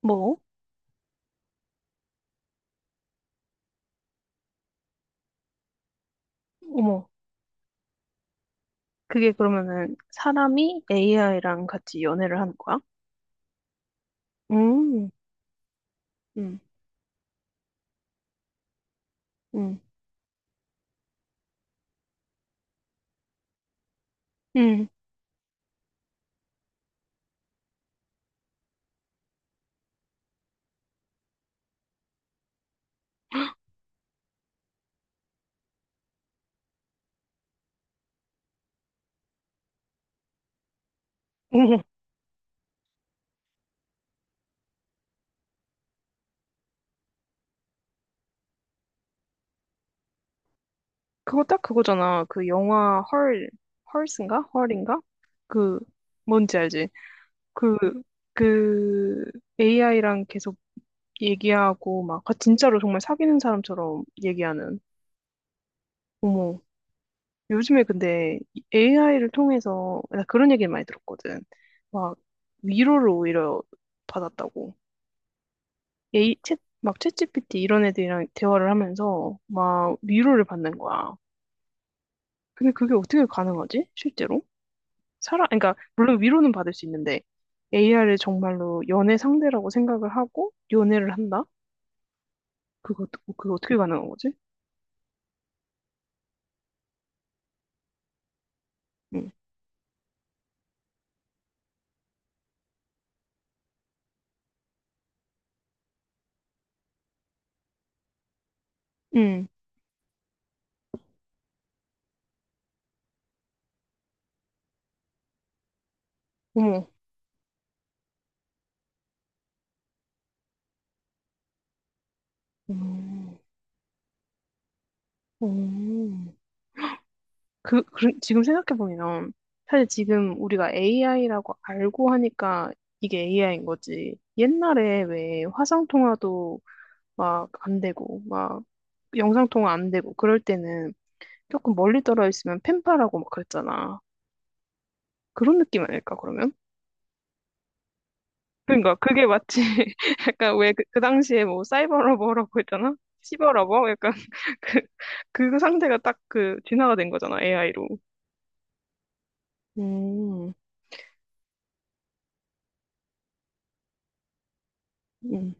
뭐? 어머, 그게 그러면은 사람이 AI랑 같이 연애를 하는 거야? 음, 응. 음, 음. 어머, 그거 딱 그거잖아. 그 영화 헐, 헐스인가? 헐인가? 그, 뭔지 알지? 그, 그 AI랑 계속 얘기하고 막 진짜로 정말 사귀는 사람처럼 얘기하는. 어머, 요즘에 근데 AI를 통해서 나 그런 얘기를 많이 들었거든. 막 위로를 오히려 받았다고. 얘, 막 챗GPT 이런 애들이랑 대화를 하면서 막 위로를 받는 거야. 근데 그게 어떻게 가능하지? 실제로? 그러니까 물론 위로는 받을 수 있는데 AI를 정말로 연애 상대라고 생각을 하고 연애를 한다? 그거 그거 어떻게 가능한 거지? 응, 응, 어머, 음, 음. 그 지금 생각해 보면 사실 지금 우리가 AI라고 알고 하니까 이게 AI인 거지. 옛날에 왜 화상 통화도 막 안 되고 막 영상통화 안 되고 그럴 때는 조금 멀리 떨어 있으면 팬파라고 막 그랬잖아. 그런 느낌 아닐까 그러면? 그러니까 그게 마치 약간 왜그 그 당시에 뭐 사이버러버라고 했잖아? 시버러버? 약간 그 상태가 딱 그 진화가 된 거잖아 AI로. 음, 음,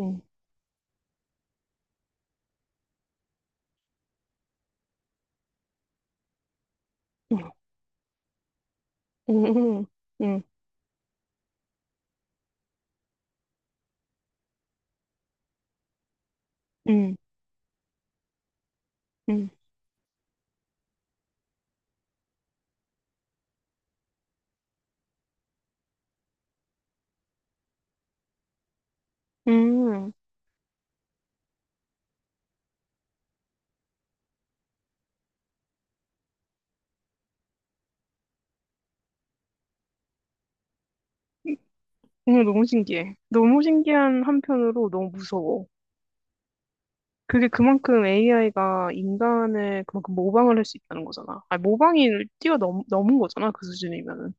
음, 음, 음, 음, 음, 음. 너무 신기해. 너무 신기한 한편으로 너무 무서워. 그게 그만큼 AI가 인간을 그만큼 모방을 할 수 있다는 거잖아. 아니, 모방이 넘은 거잖아, 그 수준이면은.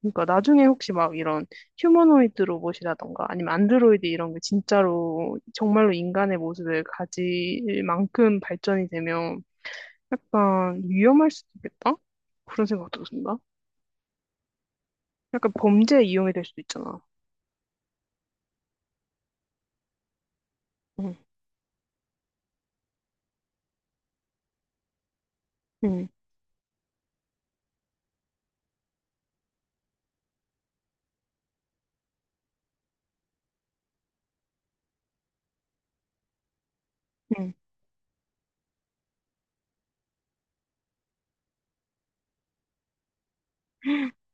그러니까 나중에 혹시 막 이런 휴머노이드 로봇이라던가 아니면 안드로이드 이런 게 진짜로 정말로 인간의 모습을 가질 만큼 발전이 되면 약간 위험할 수도 있겠다? 그런 생각도 든다. 약간 범죄에 이용이 될 수도 있잖아. 응, 응, 응,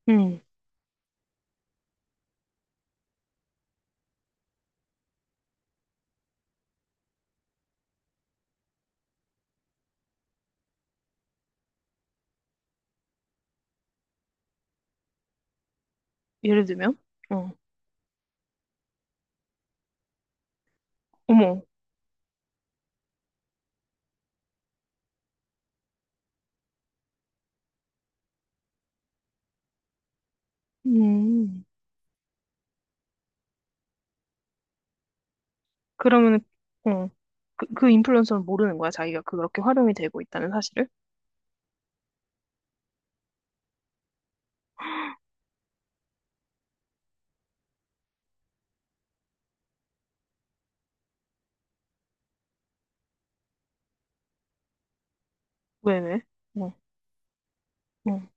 응. 예를 들면? 어, 어머. 음, 그러면은, 어. 그 인플루언서는 모르는 거야, 자기가 그렇게 활용이 되고 있다는 사실을? 왜, 왜? 응, 응.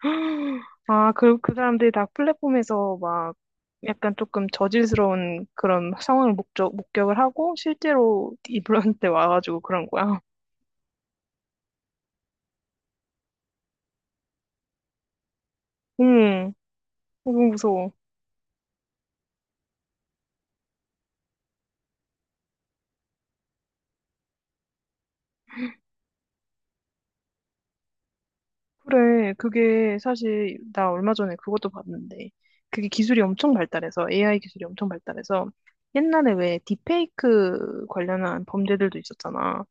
아, 그 사람들이 다 플랫폼에서 막 약간 조금 저질스러운 그런 상황을 목격을 하고 실제로 인플루언서한테 와가지고 그런 거야. 응, 너무 무서워. 그래, 그게 사실 나 얼마 전에 그것도 봤는데 그게 기술이 엄청 발달해서 AI 기술이 엄청 발달해서 옛날에 왜 딥페이크 관련한 범죄들도 있었잖아.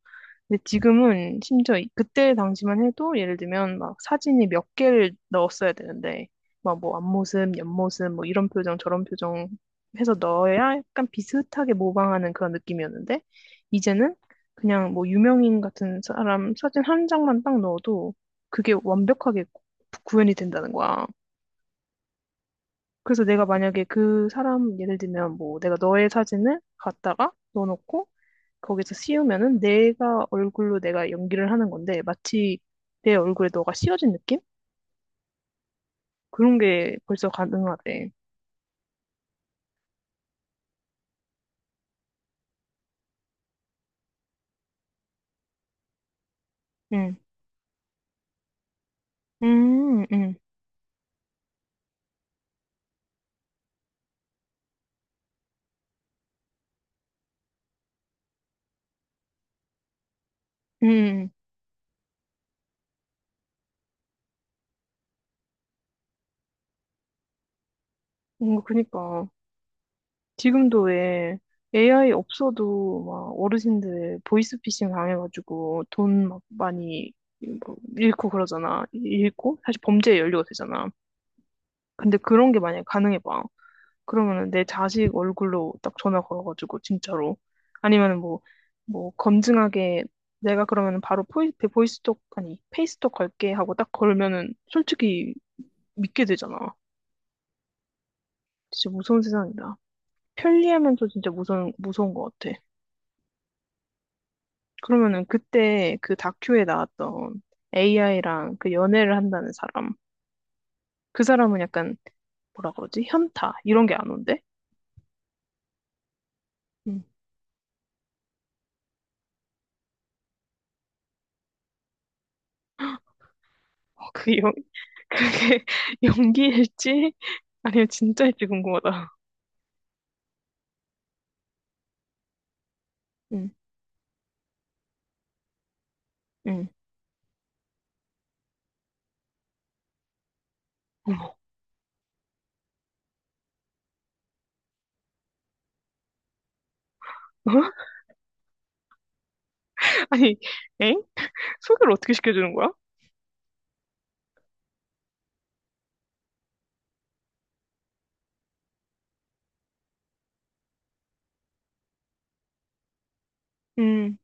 근데 지금은 심지어 그때 당시만 해도 예를 들면 막 사진이 몇 개를 넣었어야 되는데 막 뭐 앞모습, 옆모습 뭐 이런 표정 저런 표정 해서 넣어야 약간 비슷하게 모방하는 그런 느낌이었는데 이제는 그냥 뭐 유명인 같은 사람 사진 한 장만 딱 넣어도 그게 완벽하게 현이 된다는 거야. 그래서 내가 만약에 그 사람 예를 들면 뭐 내가 너의 사진을 갖다가 넣어놓고 거기서 씌우면은 내가 얼굴로 내가 연기를 하는 건데 마치 내 얼굴에 너가 씌워진 느낌? 그런 게 벌써 가능하대. 응. 음, 음, 음. 그니까. 지금도 왜 AI 없어도 막 어르신들 보이스피싱 당해가지고 돈 막 많이 뭐 잃고 그러잖아. 잃고? 사실 범죄의 연료가 되잖아. 근데 그런 게 만약에 가능해봐. 그러면은 내 자식 얼굴로 딱 전화 걸어가지고 진짜로 아니면은 뭐 뭐 검증하게 내가 그러면은 바로 보이스톡 아니 페이스톡 걸게 하고 딱 걸면은 솔직히 믿게 되잖아. 진짜 무서운 세상이다. 편리하면서 진짜 무서운 무서운 것 같아. 그러면은 그때 그 다큐에 나왔던 AI랑 그 연애를 한다는 사람 그 사람은 약간 뭐라 그러지 현타 이런 게 안 온대. 음. 그 영, 그게 연기일지 아니면 진짜일지 궁금하다. 응, 응, 어머. 아니, 엥? 소개를 어떻게 시켜주는 거야? 응,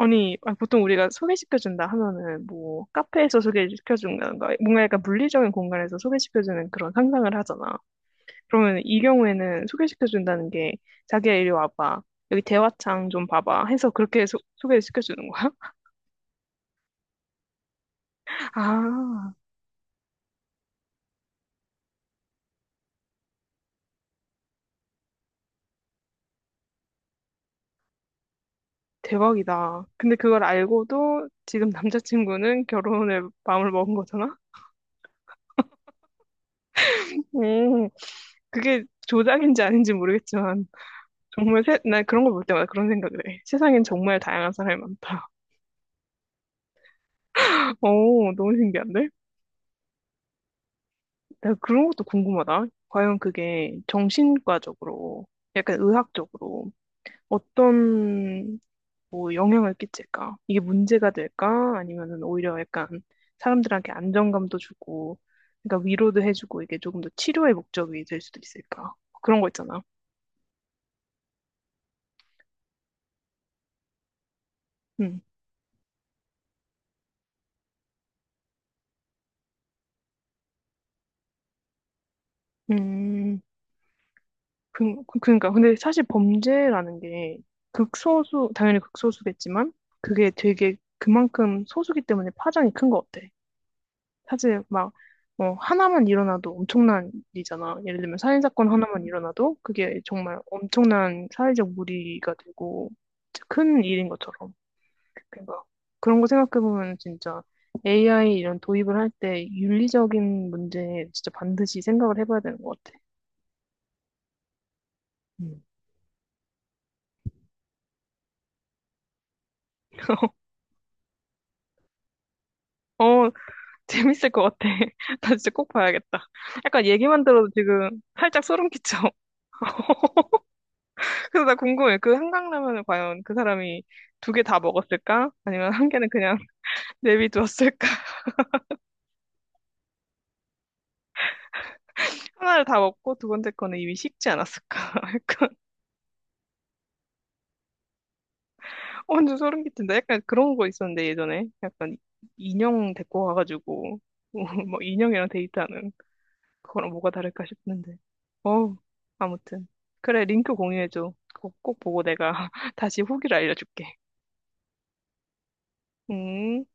아니, 아 보통 우리가 소개시켜준다 하면은 뭐 카페에서 소개시켜준다던가 뭔가 약간 물리적인 공간에서 소개시켜주는 그런 상상을 하잖아. 그러면 이 경우에는 소개시켜준다는 게 자기야 이리 와봐. 여기 대화창 좀 봐봐 해서 그렇게 소개를 시켜주는 거야? 아. 대박이다. 근데 그걸 알고도 지금 남자친구는 결혼을 마음을 먹은 거잖아? 음, 그게 조작인지 아닌지 모르겠지만, 나 그런 거 볼 때마다 그런 생각을 해. 세상엔 정말 다양한 사람이 많다. 오, 너무 신기한데? 나 그런 것도 궁금하다. 과연 그게 정신과적으로, 약간 의학적으로, 어떤 뭐 영향을 끼칠까? 이게 문제가 될까? 아니면은 오히려 약간 사람들한테 안정감도 주고, 그러니까 위로도 해주고 이게 조금 더 치료의 목적이 될 수도 있을까? 그런 거 있잖아. 음, 음, 그러니까 근데 사실 범죄라는 게 극소수, 당연히 극소수겠지만 그게 되게 그만큼 소수기 때문에 파장이 큰 것 같아. 사실 막, 뭐, 하나만 일어나도 엄청난 일이잖아. 예를 들면 살인사건 하나만 일어나도 그게 정말 엄청난 사회적 무리가 되고 진짜 큰 일인 것처럼. 그러니까 그런 거 생각해보면 진짜 AI 이런 도입을 할 때 윤리적인 문제에 진짜 반드시 생각을 해봐야 되는 것 같아. 음. 어, 재밌을 것 같아. 나 진짜 꼭 봐야겠다. 약간 얘기만 들어도 지금 살짝 소름 끼쳐. 그래서 나 궁금해. 그 한강라면을 과연 그 사람이 두 개 다 먹었을까? 아니면 한 개는 그냥 내비두었을까? 하나를 다 먹고 두 번째 거는 이미 식지 않았을까? 약간 완전 소름 끼친다. 약간 그런 거 있었는데 예전에 약간 인형 데리고 와가지고 뭐, 뭐 인형이랑 데이트하는 그거랑 뭐가 다를까 싶는데. 어 아무튼 그래 링크 공유해줘. 그거 꼭 보고 내가 다시 후기를 알려줄게. 음.